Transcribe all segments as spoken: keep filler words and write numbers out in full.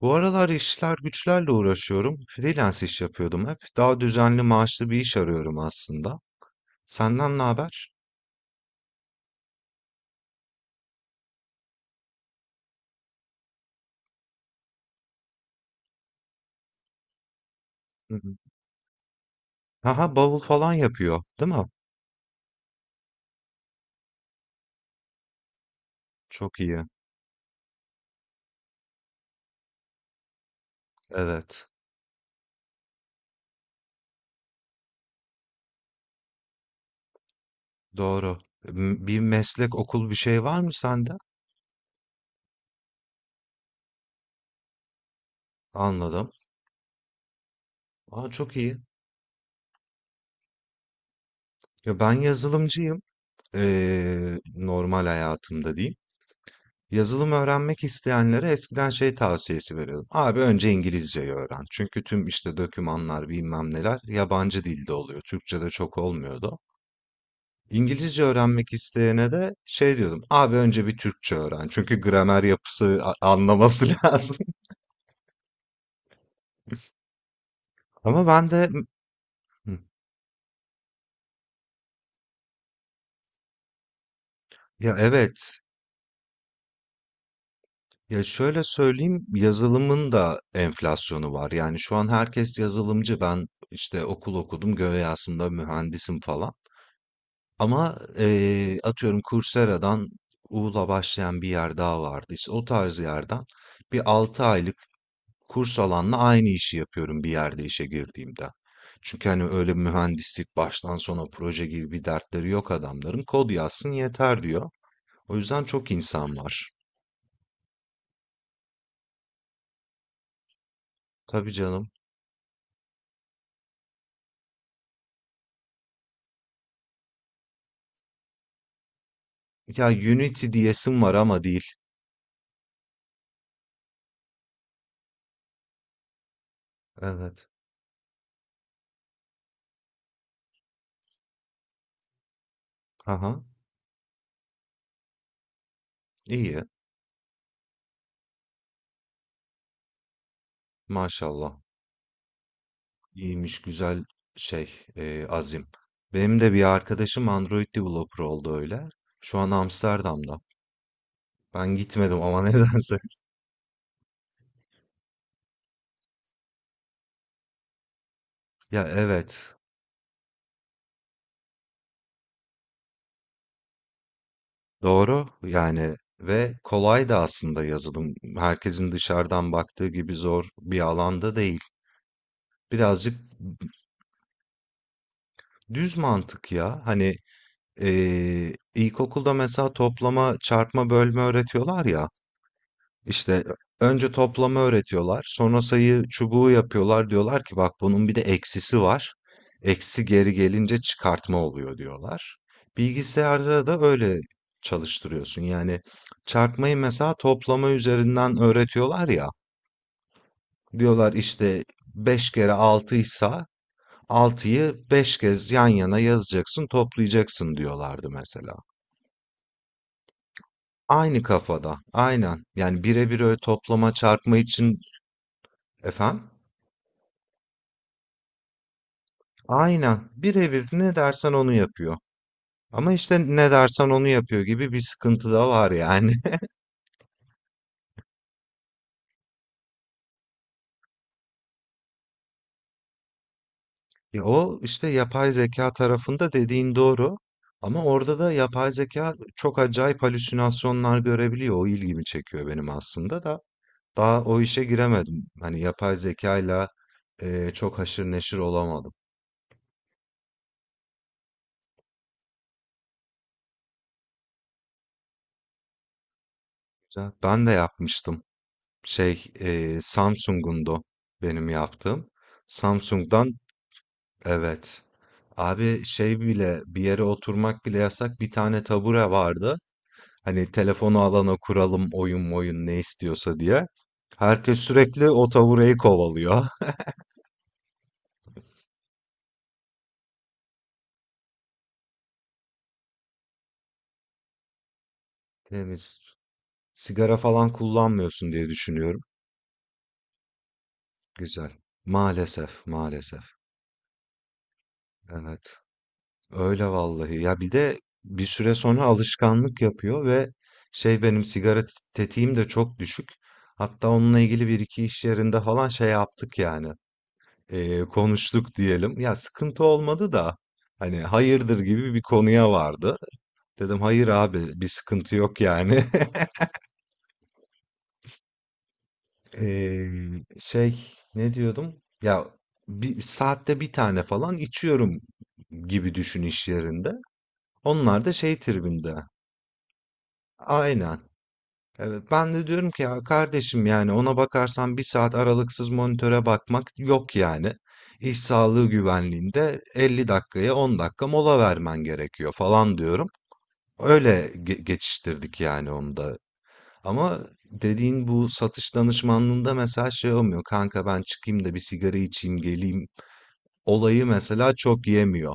Bu aralar işler güçlerle uğraşıyorum. Freelance iş yapıyordum hep. Daha düzenli maaşlı bir iş arıyorum aslında. Senden ne haber? Hı hı. Aha bavul falan yapıyor, değil mi? Çok iyi. Evet, doğru. M- Bir meslek, okul bir şey var mı sende? Anladım. Aa çok iyi. Ya ben yazılımcıyım. Ee, normal hayatımda diyeyim. Yazılım öğrenmek isteyenlere eskiden şey tavsiyesi veriyordum. Abi önce İngilizceyi öğren. Çünkü tüm işte dokümanlar bilmem neler yabancı dilde oluyor. Türkçe'de çok olmuyordu. İngilizce öğrenmek isteyene de şey diyordum. Abi önce bir Türkçe öğren. Çünkü gramer yapısı a- anlaması lazım. Ama ben de ya evet ya şöyle söyleyeyim yazılımın da enflasyonu var. Yani şu an herkes yazılımcı. Ben işte okul okudum. Göğe aslında mühendisim falan. Ama, eee, atıyorum Coursera'dan U'la başlayan bir yer daha vardı. İşte o tarz yerden bir altı aylık kurs alanla aynı işi yapıyorum bir yerde işe girdiğimde. Çünkü hani öyle mühendislik baştan sona proje gibi bir dertleri yok adamların. Kod yazsın yeter diyor. O yüzden çok insan var. Tabii canım. Ya Unity diyesim var ama değil. Evet. Aha. İyi. Maşallah. İyiymiş güzel şey e, azim. Benim de bir arkadaşım Android developer oldu öyle. Şu an Amsterdam'da. Ben gitmedim ama nedense. Ya evet doğru yani ve kolay da aslında yazılım. Herkesin dışarıdan baktığı gibi zor bir alanda değil. Birazcık düz mantık ya. Hani e, ilkokulda mesela toplama, çarpma, bölme öğretiyorlar ya. İşte önce toplama öğretiyorlar. Sonra sayı çubuğu yapıyorlar. Diyorlar ki bak bunun bir de eksisi var. Eksi geri gelince çıkartma oluyor diyorlar. Bilgisayarda da öyle çalıştırıyorsun. Yani çarpmayı mesela toplama üzerinden öğretiyorlar ya. Diyorlar işte beş kere altı ise altıyı beş kez yan yana yazacaksın, toplayacaksın diyorlardı mesela. Aynı kafada, aynen. Yani birebir öyle toplama çarpma için efendim. Aynen. Birebir ne dersen onu yapıyor. Ama işte ne dersen onu yapıyor gibi bir sıkıntı da var yani. Ya o işte yapay zeka tarafında dediğin doğru. Ama orada da yapay zeka çok acayip halüsinasyonlar görebiliyor. O ilgimi çekiyor benim aslında da. Daha o işe giremedim. Hani yapay zekayla eee, çok haşır neşir olamadım. Ben de yapmıştım. Şey, eee Samsung'undu benim yaptığım. Samsung'dan evet. Abi şey bile bir yere oturmak bile yasak. Bir tane tabure vardı. Hani telefonu alana kuralım oyun oyun ne istiyorsa diye. Herkes sürekli o tabureyi kovalıyor. Temiz. Sigara falan kullanmıyorsun diye düşünüyorum. Güzel. Maalesef, maalesef. Evet. Öyle vallahi. Ya bir de bir süre sonra alışkanlık yapıyor ve şey benim sigara t- tetiğim de çok düşük. Hatta onunla ilgili bir iki iş yerinde falan şey yaptık yani. Ee, konuştuk diyelim. Ya sıkıntı olmadı da hani hayırdır gibi bir konuya vardı. Dedim hayır abi bir sıkıntı yok yani. Ee, şey ne diyordum? Ya bir saatte bir tane falan içiyorum gibi düşün iş yerinde. Onlar da şey tribinde. Aynen. Evet, ben de diyorum ki ya kardeşim yani ona bakarsan bir saat aralıksız monitöre bakmak yok yani. İş sağlığı güvenliğinde elli dakikaya on dakika mola vermen gerekiyor falan diyorum. Öyle ge- geçiştirdik yani onu da. Ama dediğin bu satış danışmanlığında mesela şey olmuyor. Kanka ben çıkayım da bir sigara içeyim geleyim. Olayı mesela çok yemiyor.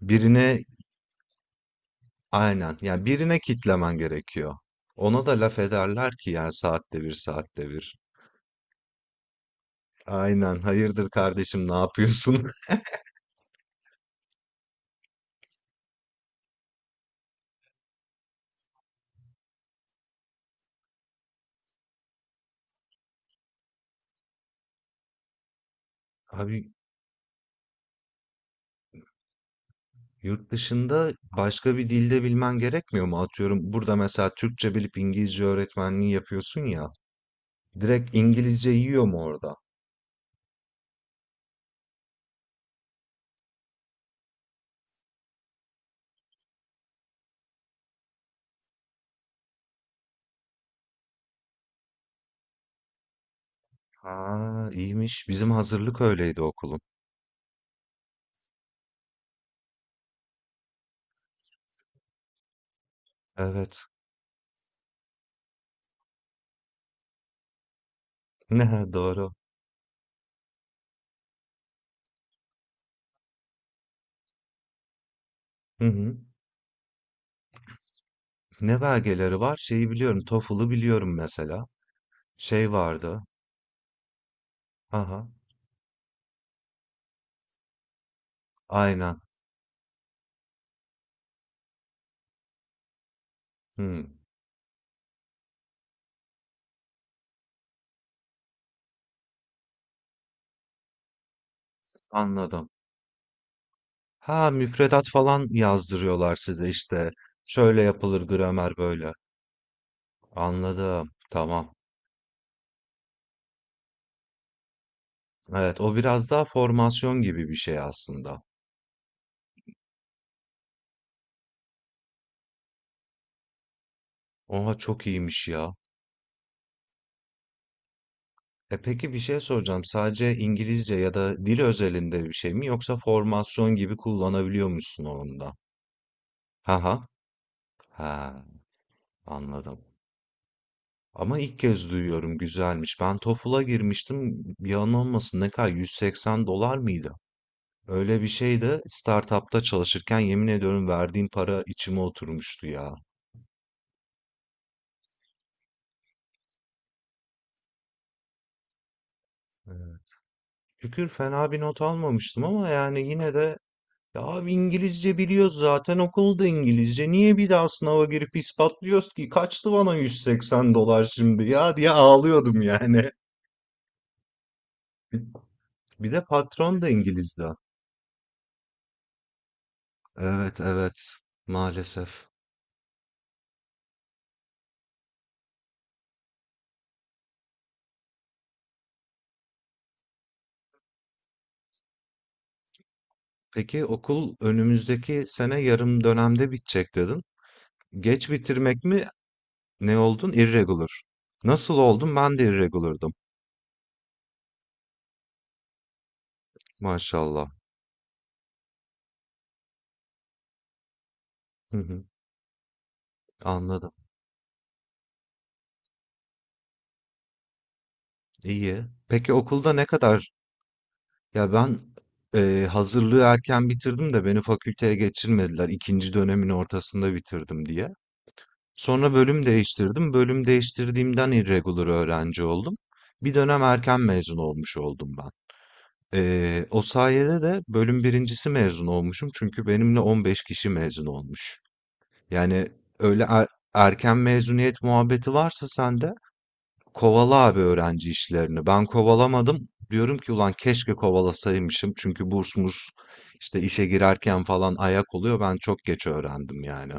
Birine aynen yani birine kitlemen gerekiyor. Ona da laf ederler ki yani saatte bir saatte bir. Aynen. Hayırdır kardeşim, ne yapıyorsun? Abi yurt dışında başka bir dilde bilmen gerekmiyor mu? Atıyorum burada mesela Türkçe bilip İngilizce öğretmenliği yapıyorsun ya. Direkt İngilizce yiyor mu orada? Ha, iyiymiş. Bizim hazırlık öyleydi okulun. Evet. Ne doğru. Hı hı. Ne belgeleri var? Şeyi biliyorum. TOEFL'ı biliyorum mesela. Şey vardı. Aha. Aynen. Hı. Anladım. Ha müfredat falan yazdırıyorlar size işte. Şöyle yapılır gramer böyle. Anladım. Tamam. Evet o biraz daha formasyon gibi bir şey aslında. Oha çok iyiymiş ya. E peki bir şey soracağım. Sadece İngilizce ya da dil özelinde bir şey mi yoksa formasyon gibi kullanabiliyor musun onu da? Haha. Ha anladım. Ama ilk kez duyuyorum güzelmiş. Ben TOEFL'a girmiştim. Yalan olmasın ne kadar yüz seksen dolar mıydı? Öyle bir şey de startupta çalışırken yemin ediyorum verdiğim para içime oturmuştu ya. Ee, Şükür fena bir not almamıştım ama yani yine de ya abi İngilizce biliyoruz zaten okulda İngilizce. Niye bir daha sınava girip ispatlıyoruz ki? Kaçtı bana yüz seksen dolar şimdi ya diye ağlıyordum yani. Bir de patron da İngilizdi. Evet evet maalesef. Peki okul önümüzdeki sene yarım dönemde bitecek dedin. Geç bitirmek mi? Ne oldun? Irregular. Nasıl oldun? Ben de irregular'dım. Maşallah. Hı hı, anladım. İyi. Peki okulda ne kadar? Ya ben e, hazırlığı erken bitirdim de beni fakülteye geçirmediler. İkinci dönemin ortasında bitirdim diye. Sonra bölüm değiştirdim. Bölüm değiştirdiğimden irregular öğrenci oldum. Bir dönem erken mezun olmuş oldum ben. E, o sayede de bölüm birincisi mezun olmuşum. Çünkü benimle on beş kişi mezun olmuş. Yani öyle er- erken mezuniyet muhabbeti varsa sende kovala abi öğrenci işlerini. Ben kovalamadım. Diyorum ki ulan keşke kovalasaymışım. Çünkü burs murs işte işe girerken falan ayak oluyor. Ben çok geç öğrendim yani.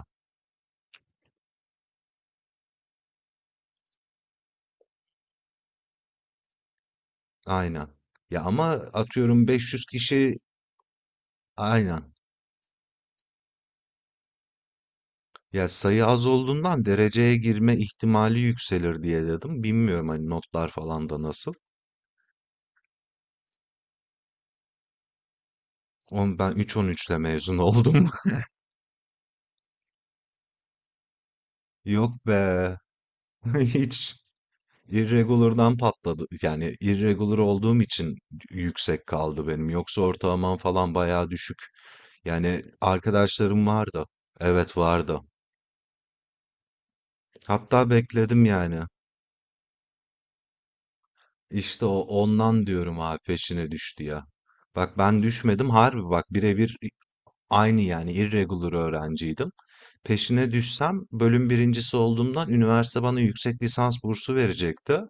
Aynen. Ya ama atıyorum beş yüz kişi aynen. Ya sayı az olduğundan dereceye girme ihtimali yükselir diye dedim. Bilmiyorum hani notlar falan da nasıl. Oğlum ben üç virgül on üçle mezun oldum. Yok be. Hiç. Irregular'dan patladı. Yani irregular olduğum için yüksek kaldı benim. Yoksa ortalamam falan bayağı düşük. Yani arkadaşlarım vardı. Evet vardı. Hatta bekledim yani. İşte o ondan diyorum abi peşine düştü ya. Bak ben düşmedim harbi bak birebir aynı yani irregular öğrenciydim. Peşine düşsem bölüm birincisi olduğumdan üniversite bana yüksek lisans bursu verecekti.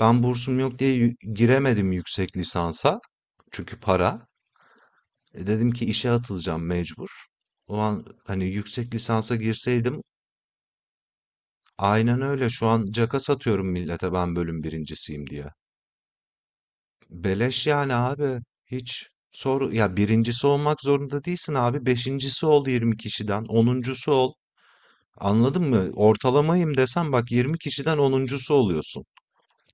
Ben bursum yok diye yü- giremedim yüksek lisansa. Çünkü para. E dedim ki işe atılacağım mecbur. Ulan hani yüksek lisansa girseydim aynen öyle şu an caka satıyorum millete ben bölüm birincisiyim diye. Beleş yani abi. Hiç sor ya birincisi olmak zorunda değilsin abi. Beşincisi ol yirmi kişiden. Onuncusu ol. Anladın mı? Ortalamayım desen bak yirmi kişiden onuncusu oluyorsun.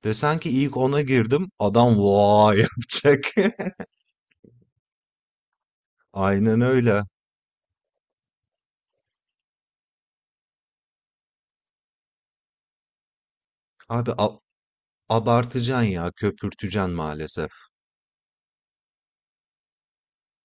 Desen ki ilk ona girdim adam vay yapacak. Aynen öyle. Abi ab abartacaksın ya, köpürteceksin maalesef.